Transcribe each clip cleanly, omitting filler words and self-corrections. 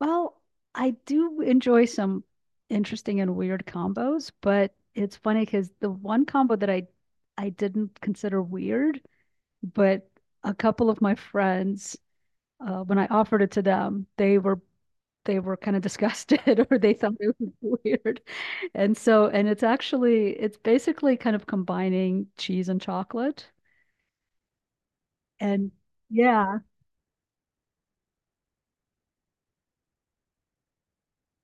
Well, I do enjoy some interesting and weird combos, but it's funny because the one combo that I didn't consider weird, but a couple of my friends, when I offered it to them, they were kind of disgusted or they thought it was weird. And it's actually it's basically kind of combining cheese and chocolate. And yeah,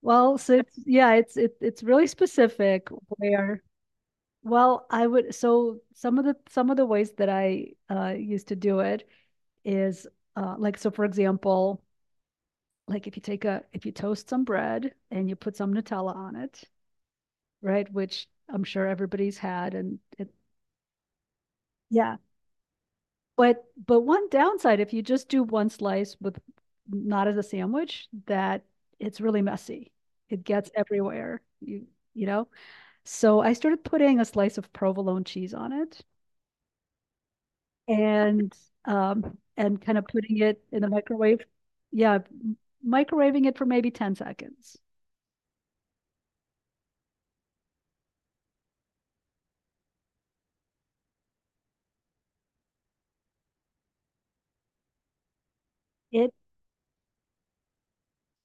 so it's yeah, it's it, it's really specific where. Well, I would so Some of the ways that I used to do it is like so for example, like if you take a if you toast some bread and you put some Nutella on it, right, which I'm sure everybody's had, and it, yeah. But one downside if you just do one slice, with not as a sandwich, that it's really messy. It gets everywhere. You know. So I started putting a slice of provolone cheese on it, and kind of putting it in the microwave. Yeah, microwaving it for maybe 10 seconds. It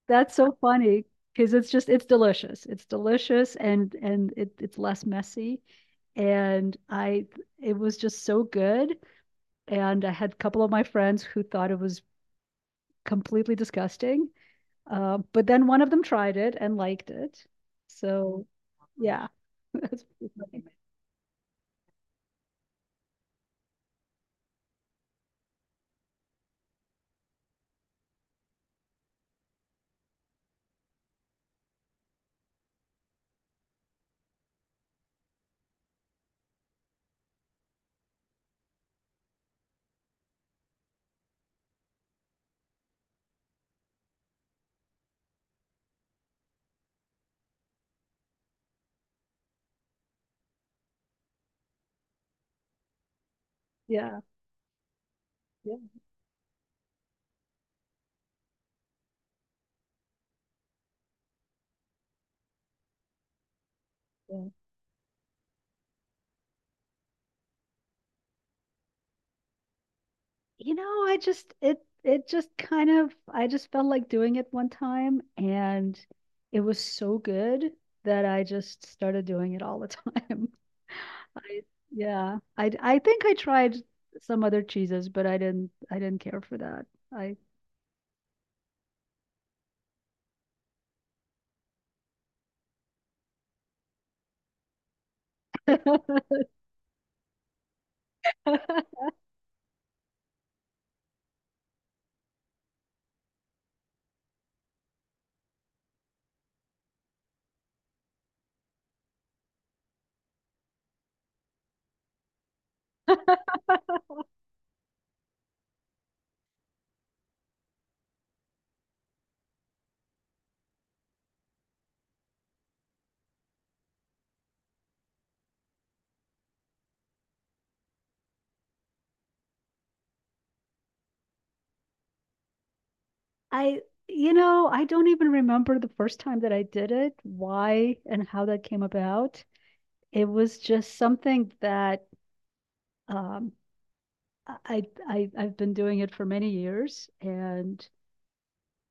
That's so funny because it's delicious. It's delicious, and it's less messy. And I It was just so good. And I had a couple of my friends who thought it was completely disgusting. But then one of them tried it and liked it. So yeah. That's pretty funny. Yeah. Yeah. Yeah. You know, I just it it just kind of, I just felt like doing it one time, and it was so good that I just started doing it all the time. I yeah, I think I tried some other cheeses, but I didn't care for that. I I You know, I don't even remember the first time that I did it, why and how that came about. It was just something that um I've been doing it for many years, and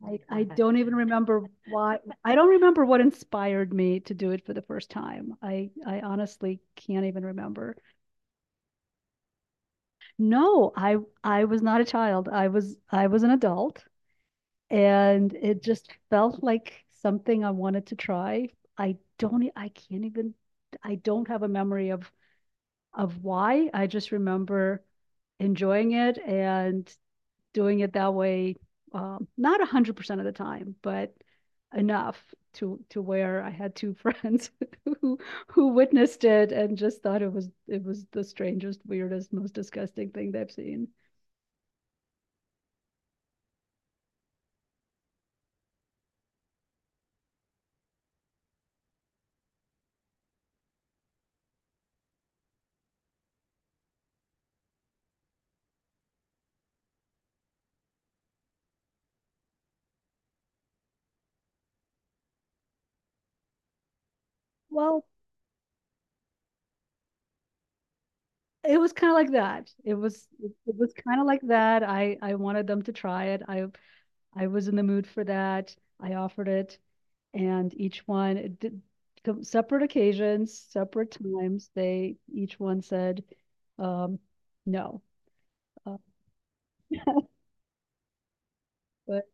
I don't even remember why. I don't remember what inspired me to do it for the first time. I honestly can't even remember. No, I was not a child. I was an adult, and it just felt like something I wanted to try. I can't even, I don't have a memory of why. I just remember enjoying it and doing it that way, not 100% of the time, but enough to where I had two friends who who witnessed it and just thought it was, it was the strangest, weirdest, most disgusting thing they've seen. Well, it was kind of like that. It was kind of like that. I wanted them to try it. I was in the mood for that. I offered it. And each one did, separate occasions, separate times. They, each one said, um, no, uh, but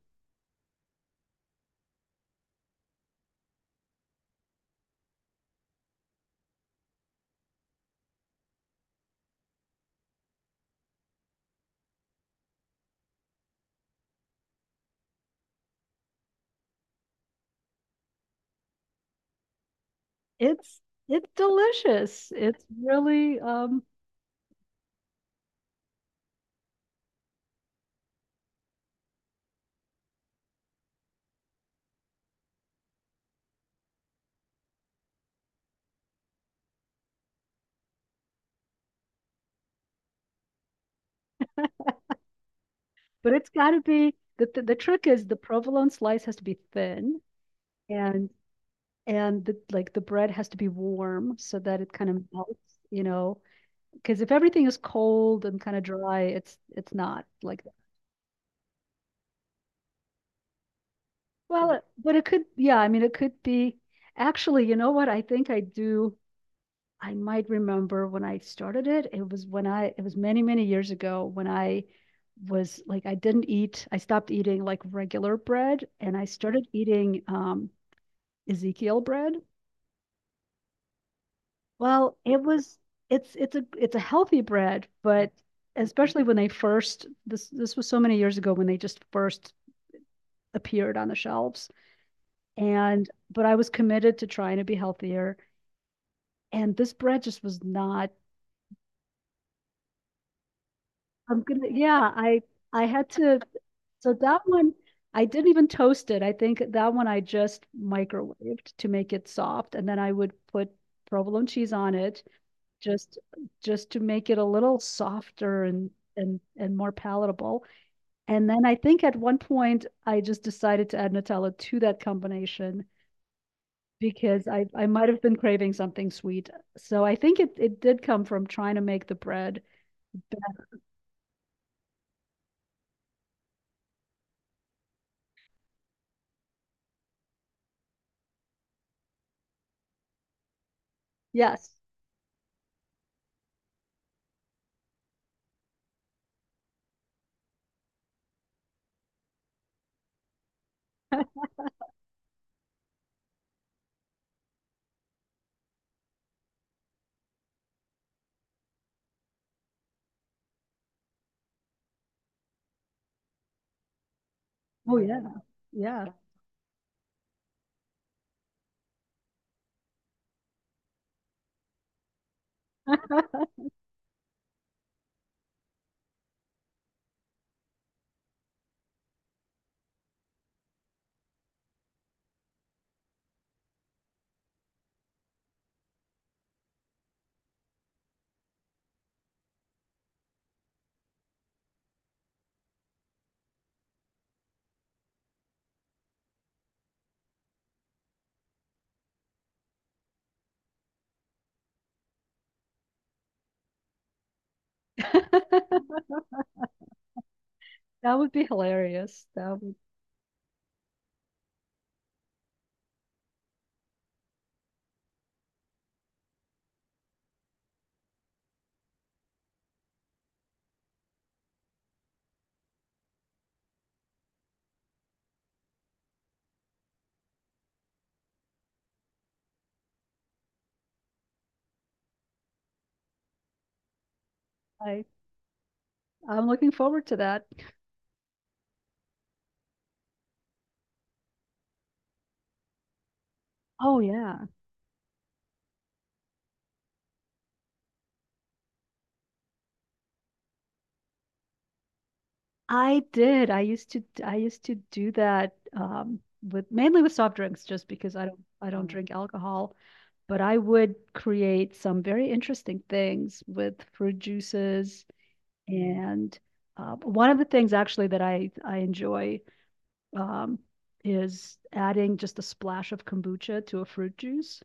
it's it's delicious. It's really, but it's got to be the, the trick is the provolone slice has to be thin, and the bread has to be warm so that it kind of melts, you know, because if everything is cold and kind of dry, it's not like. Well, but it could, yeah, I mean, it could be. Actually, you know what? I think I do. I might remember when I started it. It was when I, it was many, many years ago when I was like, I didn't eat, I stopped eating like regular bread and I started eating, Ezekiel bread. Well, it was, it's a healthy bread, but especially when they first, this was so many years ago when they just first appeared on the shelves. And but I was committed to trying to be healthier, and this bread just was not. I'm gonna, yeah, I had to, so that one I didn't even toast. It. I think that one I just microwaved to make it soft, and then I would put provolone cheese on it, just just to make it a little softer and and more palatable. And then I think at one point I just decided to add Nutella to that combination, because I might have been craving something sweet. So I think it, it did come from trying to make the bread. Yes. Oh yeah. Yeah. That would be hilarious. That would I I'm looking forward to that. Oh yeah. I did. I used to do that, um, with mainly with soft drinks just because I don't Mm. drink alcohol, but I would create some very interesting things with fruit juices, and one of the things actually that I enjoy, um, is adding just a splash of kombucha to a fruit juice.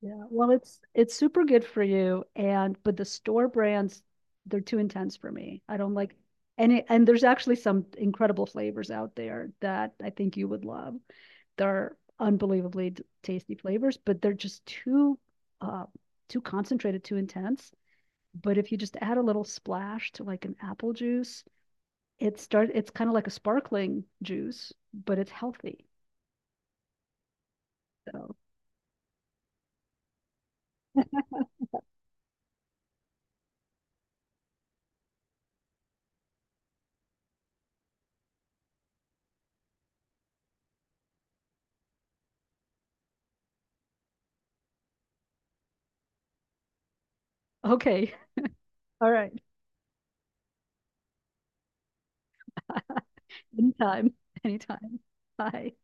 Yeah, well, it's super good for you, and but the store brands, they're too intense for me. I don't like any, and there's actually some incredible flavors out there that I think you would love. They're unbelievably tasty flavors, but they're just too, uh, too concentrated, too intense. But if you just add a little splash to like an apple juice, it's kind of like a sparkling juice, but it's healthy. So, okay. All right. Anytime. Anytime. Bye.